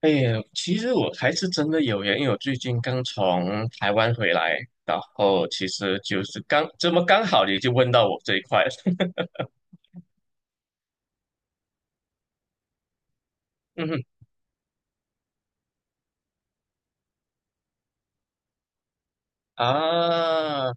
哎，其实我还是真的有缘，因为我最近刚从台湾回来，然后其实就是刚这么刚好你就问到我这一块了，嗯哼啊。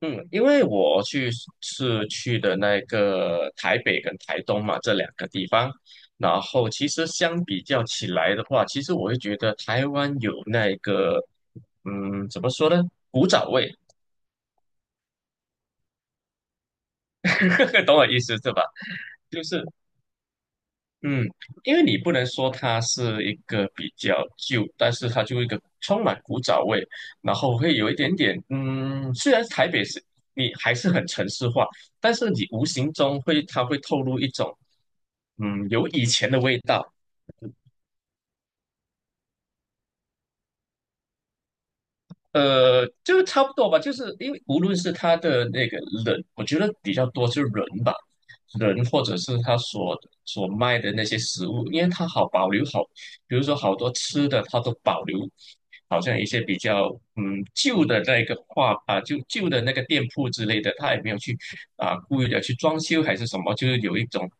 嗯，因为是去的那个台北跟台东嘛这两个地方，然后其实相比较起来的话，其实我会觉得台湾有那个，怎么说呢？古早味。懂我意思是吧？就是。嗯，因为你不能说它是一个比较旧，但是它就一个充满古早味，然后会有一点点，虽然台北是你还是很城市化，但是你无形中它会透露一种，有以前的味道。就差不多吧，就是因为无论是他的那个人，我觉得比较多是人吧，人或者是他所卖的那些食物，因为他好保留好，比如说好多吃的他都保留，好像一些比较旧的那个画啊，就旧的那个店铺之类的，他也没有去啊故意的去装修还是什么，就是有一种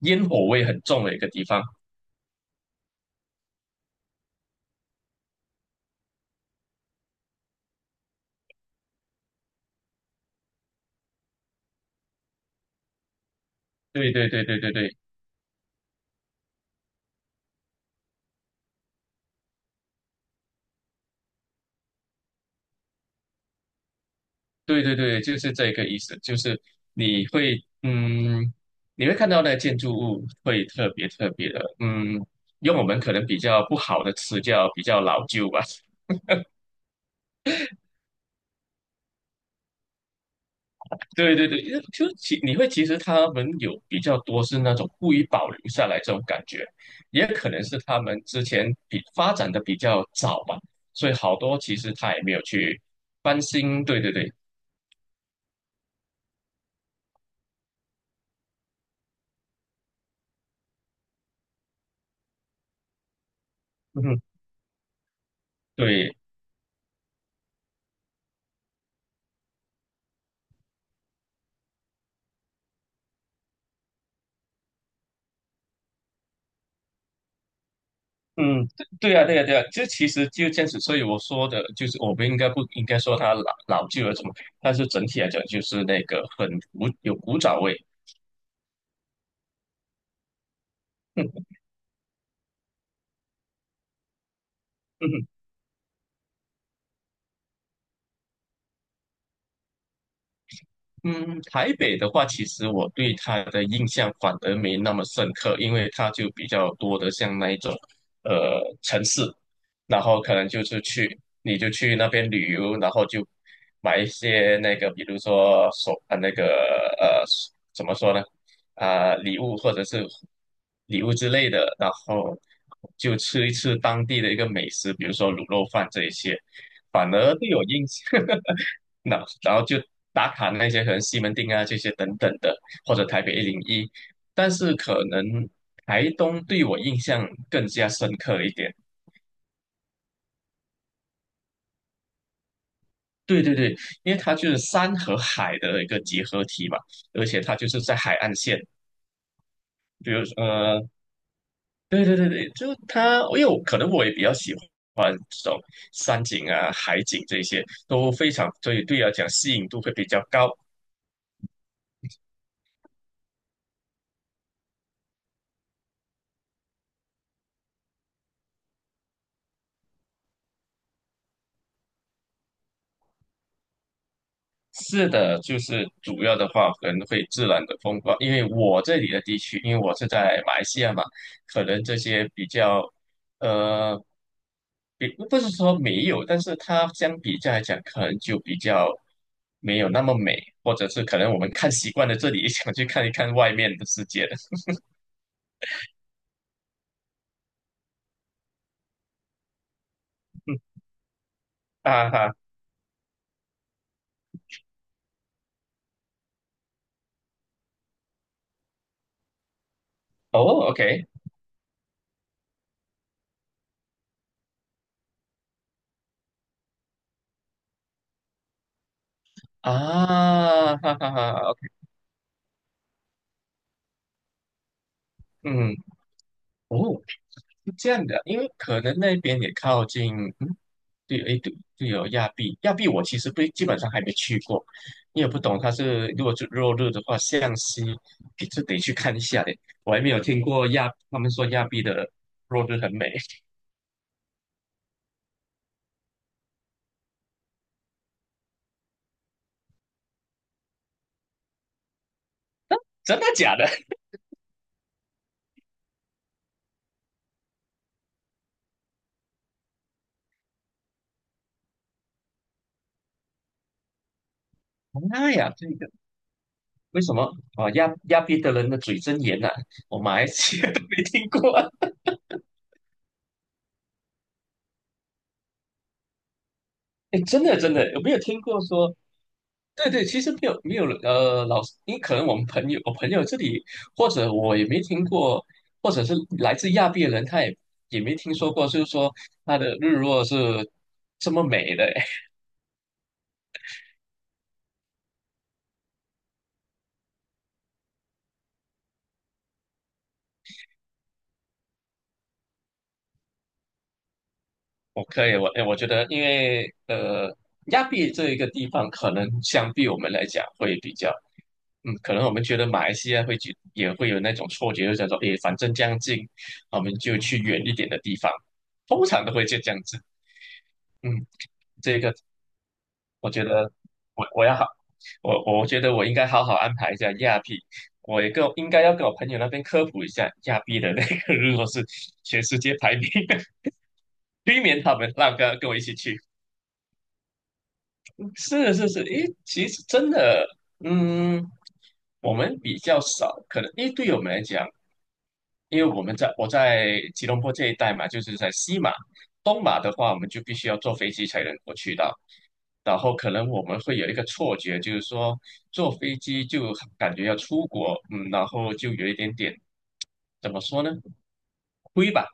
烟火味很重的一个地方。对对对对对对。对对对，就是这个意思，就是你会，嗯，你会看到那建筑物会特别特别的，用我们可能比较不好的词叫比较老旧吧。对对对，因为就其你会其实他们有比较多是那种故意保留下来这种感觉，也可能是他们之前发展的比较早嘛，所以好多其实他也没有去翻新。对对对，嗯哼对，嗯，对呀，对呀，对呀，这其实就这样子，所以我说的就是，我不应该说它老旧了什么，但是整体来讲，就是那个有古早味。嗯，台北的话，其实我对它的印象反而没那么深刻，因为它就比较多的像那一种，城市，然后可能就是去，你就去那边旅游，然后就买一些那个，比如说手啊那个呃，怎么说呢？啊、礼物或者是礼物之类的，然后就吃一吃当地的一个美食，比如说卤肉饭这一些，反而对我印象。那然后就打卡那些可能西门町啊这些等等的，或者台北101，但是可能台东对我印象更加深刻一点。对对对，因为它就是山和海的一个结合体嘛，而且它就是在海岸线，比如对对对对，就它，因为我可能我也比较喜欢这种山景啊、海景这些，都非常所以对我来讲吸引度会比较高。是的，就是主要的话可能会自然的风光，因为我这里的地区，因为我是在马来西亚嘛，可能这些比较，呃，比不是说没有，但是它相比较来讲，可能就比较没有那么美，或者是可能我们看习惯了这里，想去看一看外面的世界的。哈哈，哦，OK，啊，哈哈哈，嗯，哦。是这样的，因为可能那边也靠近，嗯，对，诶，对，对哦，有亚庇，亚庇我其实不基本上还没去过，你也不懂它是如果是落日的话，向西也是得去看一下的，我还没有听过他们说亚庇的落日很美。真的假的？妈呀，这个为什么啊？亚庇的人的嘴真严呐、我马来西亚都没听过啊。诶，真的真的，有没有听过说？对对，其实没有没有老师，因为可能我们朋友，我朋友这里，或者我也没听过，或者是来自亚庇的人，他也没听说过，就是说他的日落是这么美的。我可以，我觉得，因为亚庇这一个地方，可能相比我们来讲会比较，可能我们觉得马来西亚会去，也会有那种错觉，就想说，诶，反正将近，我们就去远一点的地方，通常都会就这样子，嗯。这个我觉得我要好，我觉得我应该好好安排一下亚庇，我也跟我应该要跟我朋友那边科普一下亚庇的那个，如果是全世界排名，避免他们让跟我一起去。是是是，诶，其实真的，嗯，我们比较少，可能因为对我们来讲，因为我们在我在吉隆坡这一带嘛，就是在西马、东马的话，我们就必须要坐飞机才能够去到。然后可能我们会有一个错觉，就是说坐飞机就感觉要出国，然后就有一点点怎么说呢，亏吧，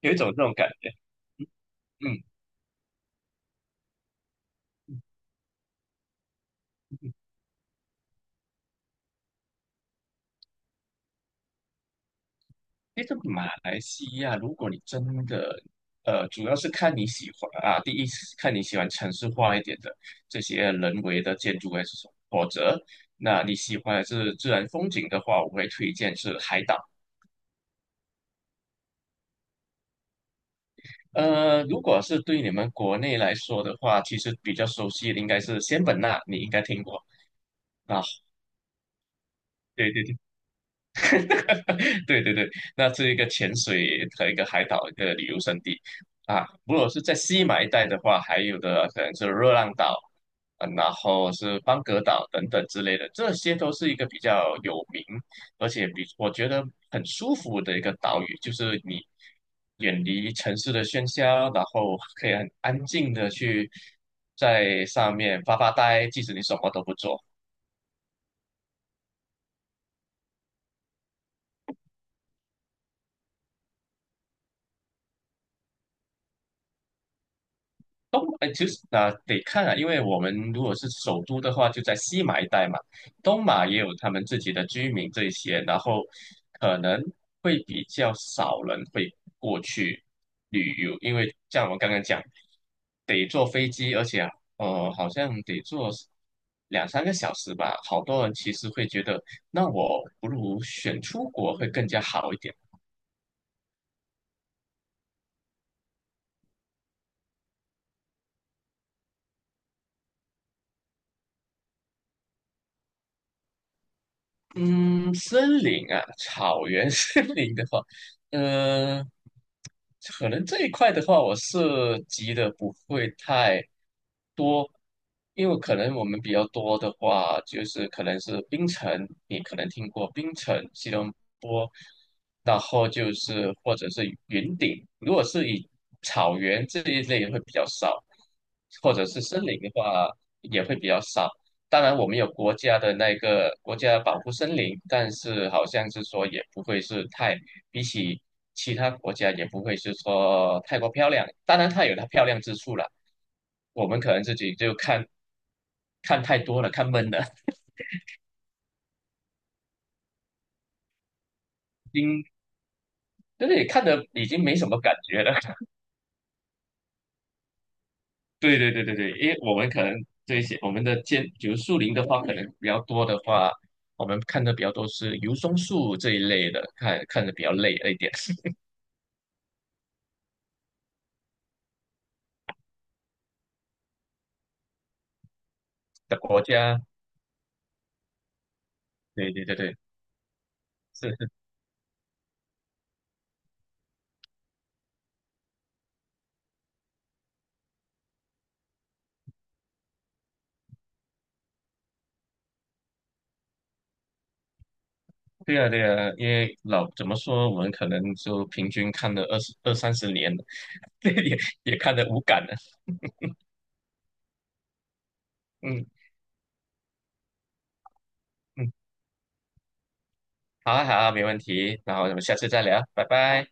有一种这种感觉，嗯。因为这马来西亚，如果你真的，主要是看你喜欢啊，第一是看你喜欢城市化一点的这些人为的建筑还是什么，否则，那你喜欢的是自然风景的话，我会推荐是海岛。如果是对你们国内来说的话，其实比较熟悉的应该是仙本那，你应该听过啊，对对 对对对，那是一个潜水和一个海岛一个旅游胜地啊。如果是在西马一带的话，还有的可能是热浪岛，啊，然后是邦格岛等等之类的，这些都是一个比较有名，而且比我觉得很舒服的一个岛屿，就是你远离城市的喧嚣，然后可以很安静的去在上面发发呆，即使你什么都不做。东，哎，其实啊，得看啊，因为我们如果是首都的话，就在西马一带嘛，东马也有他们自己的居民这一些，然后可能会比较少人会过去旅游，因为像我刚刚讲，得坐飞机，而且好像得坐两三个小时吧，好多人其实会觉得，那我不如选出国会更加好一点。嗯，森林啊，草原 森林的话，嗯、可能这一块的话，我涉及的不会太多，因为可能我们比较多的话，就是可能是冰城，你可能听过冰城、吉隆坡，然后就是或者是云顶，如果是以草原这一类会比较少，或者是森林的话也会比较少。当然我们有国家的那个国家保护森林，但是好像是说也不会是太，比起其他国家也不会是说太过漂亮。当然它有它漂亮之处了，我们可能自己就看太多了，看闷了，就是也看的已经没什么感觉了。对对对对对，因为我们可能这一些我们的建，比如树林的话，可能比较多的话，我们看的比较多是油松树这一类的，看看的比较累了一点 的国家。对对对对。是是，对啊，对啊，因为老怎么说，我们可能就平均看了二十二三十年了，也也看得无感了。嗯嗯，好啊，好啊，没问题。然后我们下次再聊，拜拜。